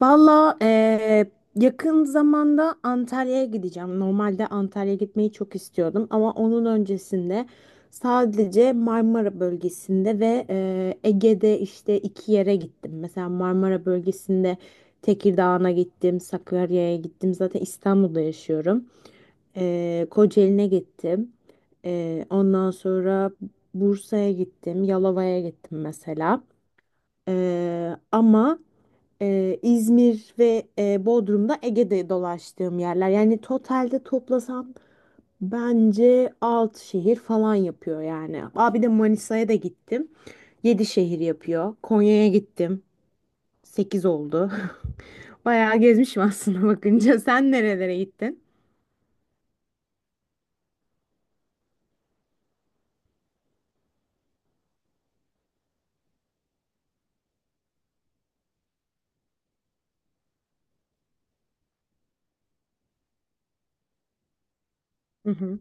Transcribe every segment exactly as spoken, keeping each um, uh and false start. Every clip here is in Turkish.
Valla eee, yakın zamanda Antalya'ya gideceğim. Normalde Antalya'ya gitmeyi çok istiyordum ama onun öncesinde sadece Marmara bölgesinde ve eee, Ege'de işte iki yere gittim. Mesela Marmara bölgesinde Tekirdağ'a gittim, Sakarya'ya gittim. Zaten İstanbul'da yaşıyorum. Eee Kocaeli'ne gittim. Eee, ondan sonra Bursa'ya gittim, Yalova'ya gittim mesela. Eee, ama e, İzmir ve e, Bodrum'da Ege'de dolaştığım yerler. Yani totalde toplasam bence altı şehir falan yapıyor yani. Abi de Manisa'ya da gittim. Yedi şehir yapıyor. Konya'ya gittim. Sekiz oldu. Bayağı gezmişim aslında bakınca. Sen nerelere gittin? Hı hı.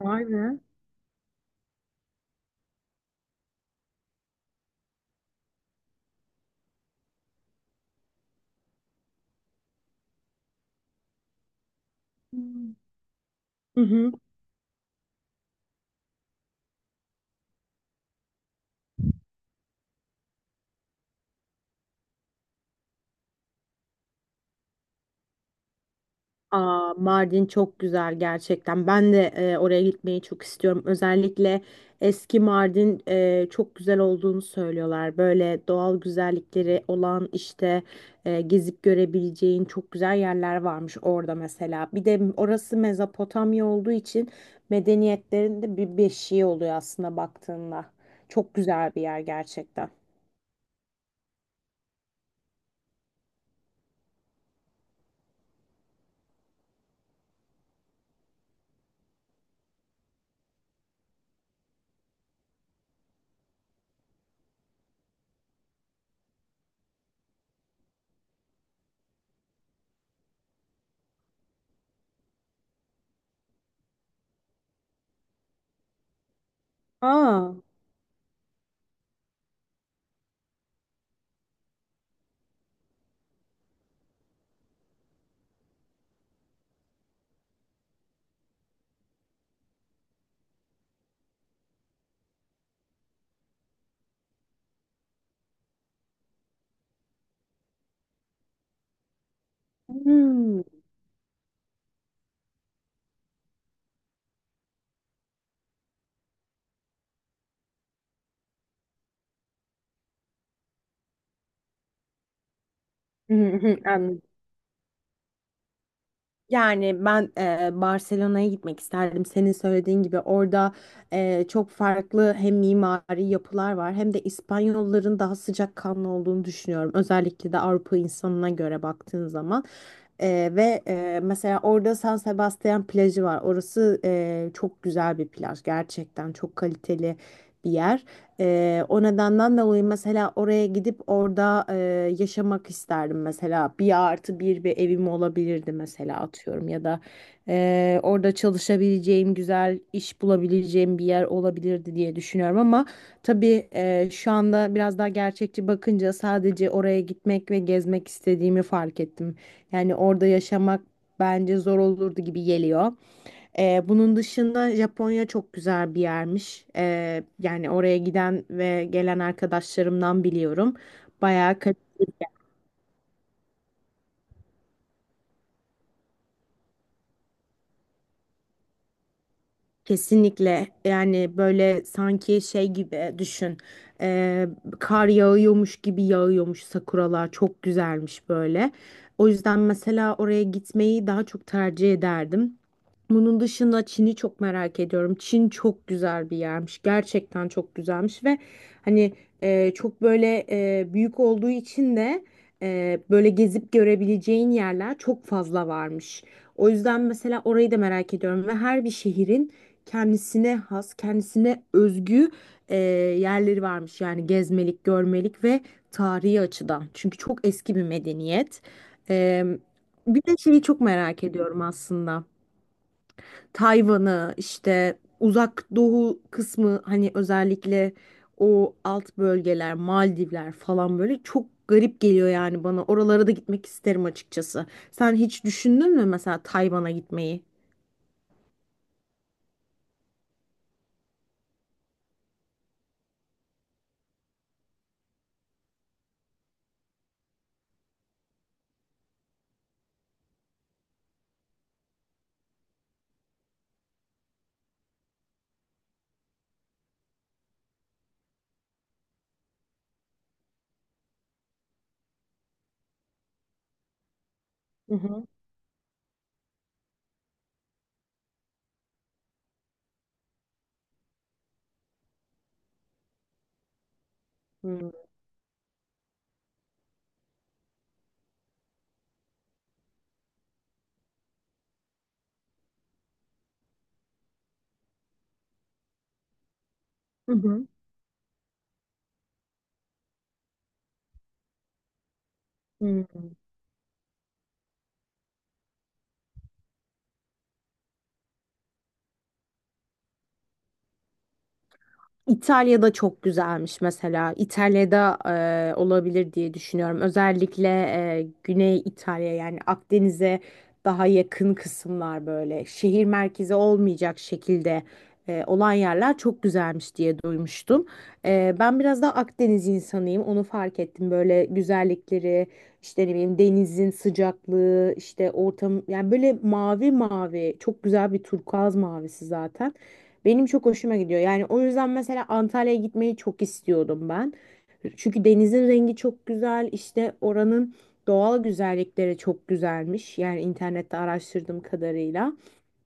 Vay be. Hı hı. Aa, Mardin çok güzel gerçekten. Ben de e, oraya gitmeyi çok istiyorum. Özellikle eski Mardin e, çok güzel olduğunu söylüyorlar. Böyle doğal güzellikleri olan işte e, gezip görebileceğin çok güzel yerler varmış orada mesela. Bir de orası Mezopotamya olduğu için medeniyetlerin de bir beşiği oluyor aslında baktığında. Çok güzel bir yer gerçekten. Aa. Hmm. Hı hı, anladım. Yani ben e, Barcelona'ya gitmek isterdim. Senin söylediğin gibi orada e, çok farklı hem mimari yapılar var hem de İspanyolların daha sıcakkanlı olduğunu düşünüyorum. Özellikle de Avrupa insanına göre baktığın zaman. E, ve e, mesela orada San Sebastian plajı var. Orası e, çok güzel bir plaj. Gerçekten çok kaliteli bir yer. Ee, o nedenden dolayı mesela oraya gidip orada e, yaşamak isterdim mesela bir artı bir bir evim olabilirdi mesela atıyorum ya da e, orada çalışabileceğim güzel iş bulabileceğim bir yer olabilirdi diye düşünüyorum ama tabii e, şu anda biraz daha gerçekçi bakınca sadece oraya gitmek ve gezmek istediğimi fark ettim yani orada yaşamak bence zor olurdu gibi geliyor. Ee, bunun dışında Japonya çok güzel bir yermiş. Ee, yani oraya giden ve gelen arkadaşlarımdan biliyorum. Bayağı kaliteli. Kesinlikle, yani böyle sanki şey gibi düşün. Ee, Kar yağıyormuş gibi yağıyormuş sakuralar çok güzelmiş böyle. O yüzden mesela oraya gitmeyi daha çok tercih ederdim. Bunun dışında Çin'i çok merak ediyorum. Çin çok güzel bir yermiş gerçekten çok güzelmiş ve hani e, çok böyle e, büyük olduğu için de e, böyle gezip görebileceğin yerler çok fazla varmış. O yüzden mesela orayı da merak ediyorum ve her bir şehrin kendisine has, kendisine özgü e, yerleri varmış. Yani gezmelik, görmelik ve tarihi açıdan. Çünkü çok eski bir medeniyet. E, bir de şeyi çok merak ediyorum aslında. Tayvan'ı işte Uzak Doğu kısmı hani özellikle o alt bölgeler, Maldivler falan böyle çok garip geliyor yani bana. Oralara da gitmek isterim açıkçası. Sen hiç düşündün mü mesela Tayvan'a gitmeyi? Hı hı. Hıı. Hı hı. İtalya'da çok güzelmiş mesela. İtalya'da e, olabilir diye düşünüyorum. Özellikle e, Güney İtalya yani Akdeniz'e daha yakın kısımlar böyle şehir merkezi olmayacak şekilde e, olan yerler çok güzelmiş diye duymuştum. E, ben biraz daha Akdeniz insanıyım. Onu fark ettim. Böyle güzellikleri, işte ne bileyim denizin sıcaklığı, işte ortam yani böyle mavi mavi çok güzel bir turkuaz mavisi zaten. Benim çok hoşuma gidiyor. Yani o yüzden mesela Antalya'ya gitmeyi çok istiyordum ben. Çünkü denizin rengi çok güzel. İşte oranın doğal güzellikleri çok güzelmiş. Yani internette araştırdığım kadarıyla.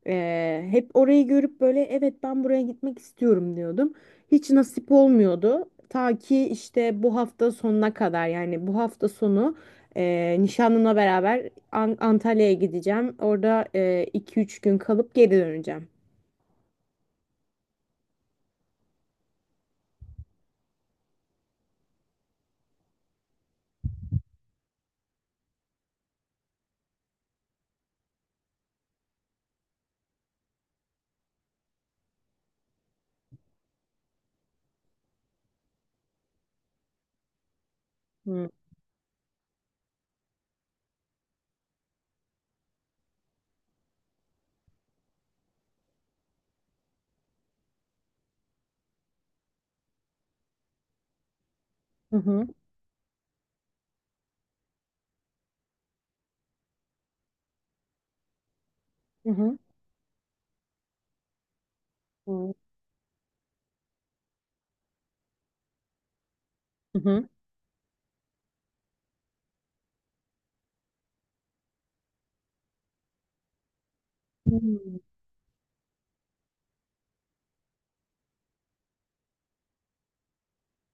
Ee, hep orayı görüp böyle evet ben buraya gitmek istiyorum diyordum. Hiç nasip olmuyordu. Ta ki işte bu hafta sonuna kadar yani bu hafta sonu e, nişanlımla beraber An- Antalya'ya gideceğim. Orada iki üç gün kalıp geri döneceğim. Hı hı hı. Hı. Hı hı. Hı.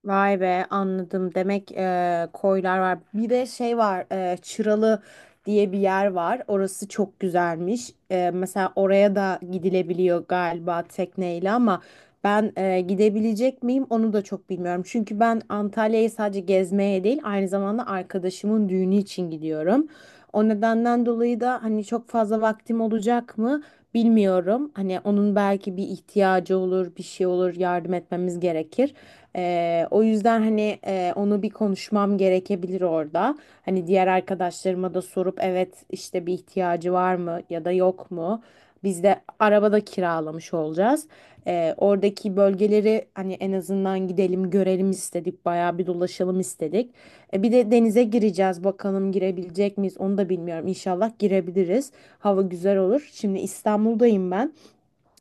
Vay be, anladım. Demek e, koylar var. Bir de şey var, e, Çıralı diye bir yer var. Orası çok güzelmiş. E, mesela oraya da gidilebiliyor galiba tekneyle ama ben e, gidebilecek miyim onu da çok bilmiyorum. Çünkü ben Antalya'yı sadece gezmeye değil aynı zamanda arkadaşımın düğünü için gidiyorum. O nedenden dolayı da hani çok fazla vaktim olacak mı bilmiyorum. Hani onun belki bir ihtiyacı olur, bir şey olur, yardım etmemiz gerekir. Ee, o yüzden hani e, onu bir konuşmam gerekebilir orada. Hani diğer arkadaşlarıma da sorup evet işte bir ihtiyacı var mı ya da yok mu? Biz de arabada kiralamış olacağız. Ee, oradaki bölgeleri hani en azından gidelim görelim istedik. Bayağı bir dolaşalım istedik. E, bir de denize gireceğiz. Bakalım girebilecek miyiz? Onu da bilmiyorum. İnşallah girebiliriz. Hava güzel olur. Şimdi İstanbul'dayım ben.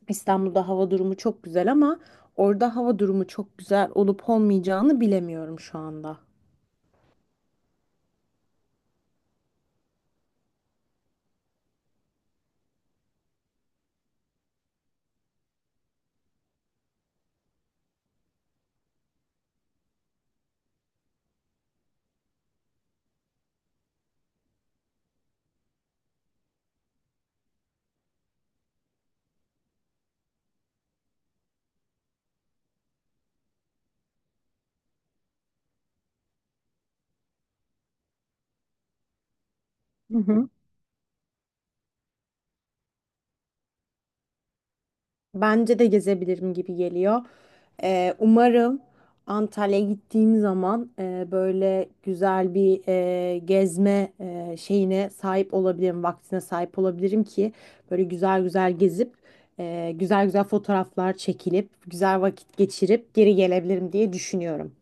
İstanbul'da hava durumu çok güzel ama orada hava durumu çok güzel olup olmayacağını bilemiyorum şu anda. Hı hı. Bence de gezebilirim gibi geliyor. Ee, umarım Antalya'ya gittiğim zaman e, böyle güzel bir e, gezme e, şeyine sahip olabilirim, vaktine sahip olabilirim ki böyle güzel güzel gezip e, güzel güzel fotoğraflar çekilip güzel vakit geçirip geri gelebilirim diye düşünüyorum.